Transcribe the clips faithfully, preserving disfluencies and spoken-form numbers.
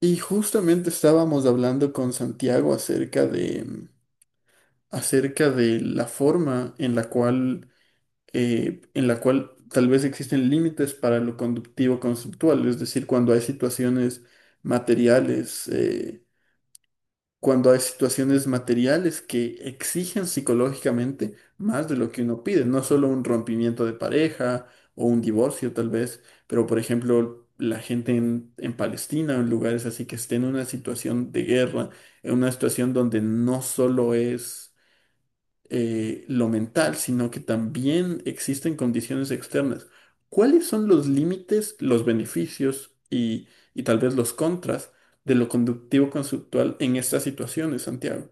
Y justamente estábamos hablando con Santiago acerca de, mm, acerca de la forma en la cual, eh, en la cual tal vez existen límites para lo conductivo conceptual, es decir, cuando hay situaciones materiales, eh, cuando hay situaciones materiales que exigen psicológicamente más de lo que uno pide, no solo un rompimiento de pareja o un divorcio tal vez, pero por ejemplo la gente en, en Palestina o en lugares así que esté en una situación de guerra, en una situación donde no solo es eh, lo mental, sino que también existen condiciones externas. ¿Cuáles son los límites, los beneficios y, y tal vez los contras de lo conductivo-conceptual en estas situaciones, Santiago?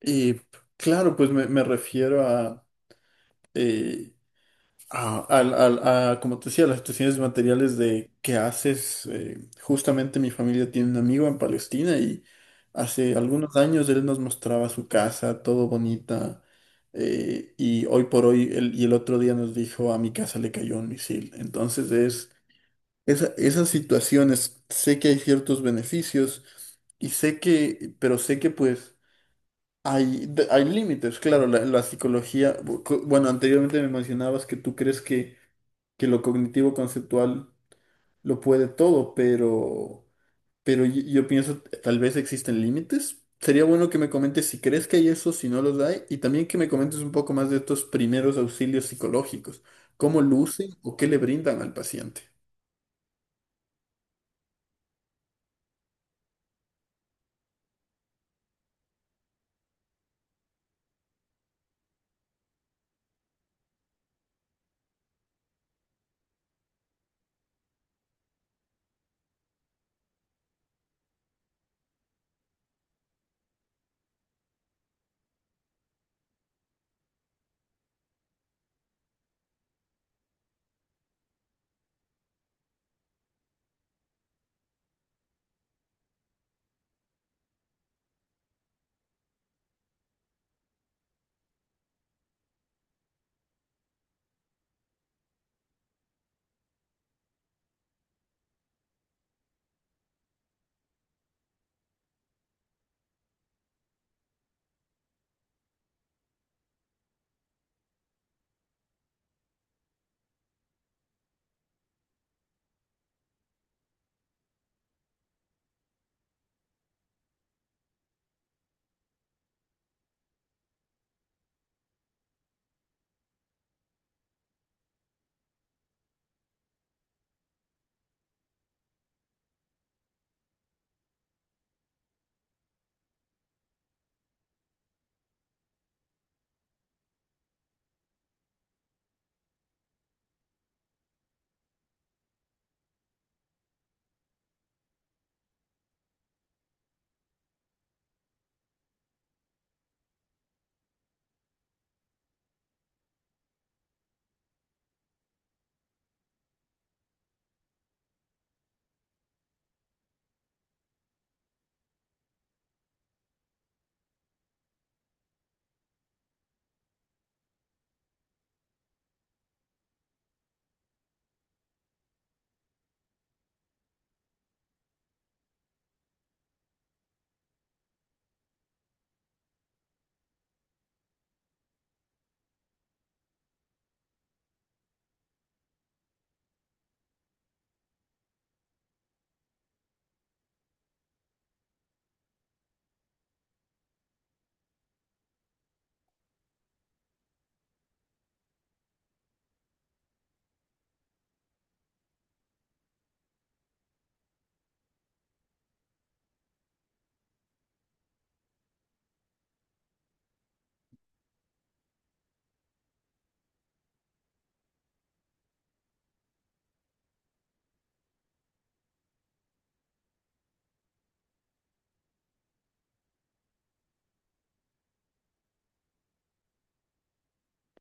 Y claro, pues me, me refiero a a, al- al- a, como te decía, las situaciones de materiales de qué haces. eh, justamente mi familia tiene un amigo en Palestina y hace algunos años él nos mostraba su casa, todo bonita. eh, y hoy por hoy, él- y el otro día nos dijo, a mi casa le cayó un misil. Entonces es, esa- esas situaciones, sé que hay ciertos beneficios y sé que, pero sé que pues. Hay, de- hay límites, claro, la, la psicología, bu- cu- bueno, anteriormente me mencionabas que tú crees que que lo cognitivo conceptual lo puede todo, pero, pero yo, yo pienso tal vez existen límites. Sería bueno que me comentes si crees que hay eso, si no los hay, y también que me comentes un poco más de estos primeros auxilios psicológicos, cómo lucen o qué le brindan al paciente.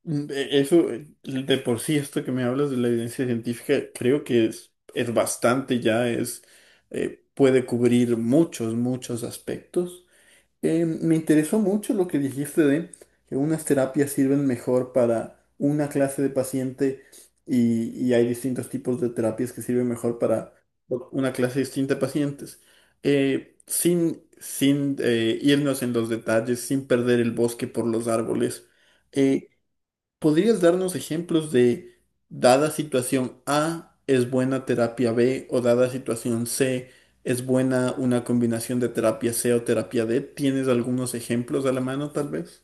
Mm, e- Eso, eh, de por sí, esto que me hablas de la evidencia científica, creo que es, es bastante ya, es, eh, puede cubrir muchos, muchos aspectos. Eh, me interesó mucho lo que dijiste de que unas terapias sirven mejor para una clase de paciente y, y hay distintos tipos de terapias que sirven mejor para una clase distinta de pacientes. Eh, sin sin eh, irnos en los detalles, sin perder el bosque por los árboles. eh, ¿Podrías darnos ejemplos de dada situación A es buena terapia B o dada situación C es buena una combinación de terapia C o terapia D? ¿Tienes algunos ejemplos a la mano, tal vez?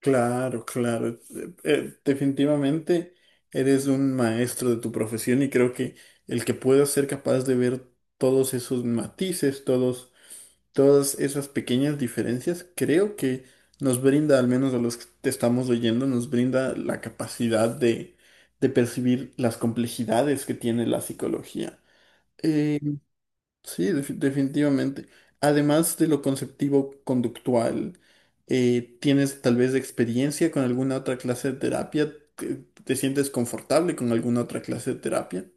Claro, claro. Eh, eh, definitivamente eres un maestro de tu profesión y creo que el que pueda ser capaz de ver todos esos matices, todos, todas esas pequeñas diferencias, creo que nos brinda, al menos a los que te estamos oyendo, nos brinda la capacidad de, de percibir las complejidades que tiene la psicología. Eh, Sí, defi- definitivamente. Además de lo conceptivo conductual, eh, ¿tienes tal vez experiencia con alguna otra clase de terapia? ¿Te, ¿te sientes confortable con alguna otra clase de terapia?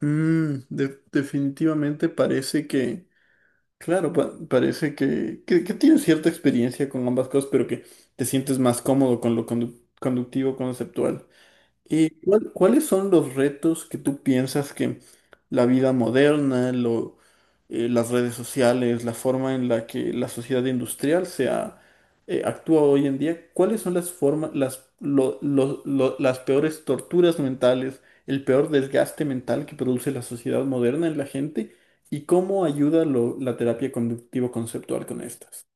Mm, de- definitivamente parece que, claro, pa- parece que, que, que tienes cierta experiencia con ambas cosas, pero que te sientes más cómodo con lo condu- conductivo conceptual. ¿Y cuál- cuáles son los retos que tú piensas que la vida moderna, lo, eh, las redes sociales, la forma en la que la sociedad industrial se ha, eh, actúa hoy en día, cuáles son las formas, las, lo- lo- lo- las peores torturas mentales, el peor desgaste mental que produce la sociedad moderna en la gente y cómo ayuda lo- la terapia conductivo-conceptual con estas?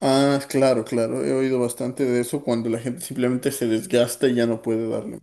Ah, claro, claro, he oído bastante de eso cuando la gente simplemente se desgasta y ya no puede darle.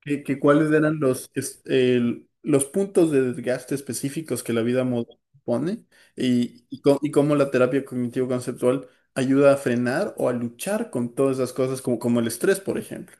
¿Qué- qué- cuáles eran los, es- el- los puntos de desgaste específicos que la vida moderna pone y, y co- y cómo la terapia cognitivo-conceptual ayuda a frenar o a luchar con todas esas cosas como, como el estrés, por ejemplo?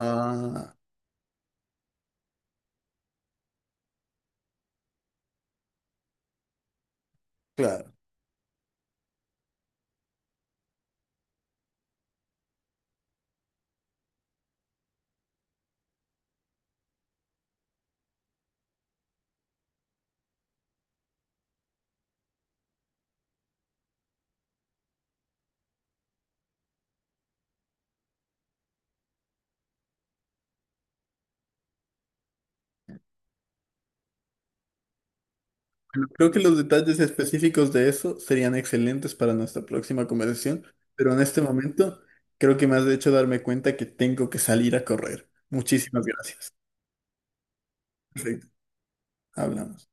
Ah, claro. Bueno, creo que los detalles específicos de eso serían excelentes para nuestra próxima conversación, pero en este momento creo que me has hecho darme cuenta que tengo que salir a correr. Muchísimas gracias. Perfecto, hablamos.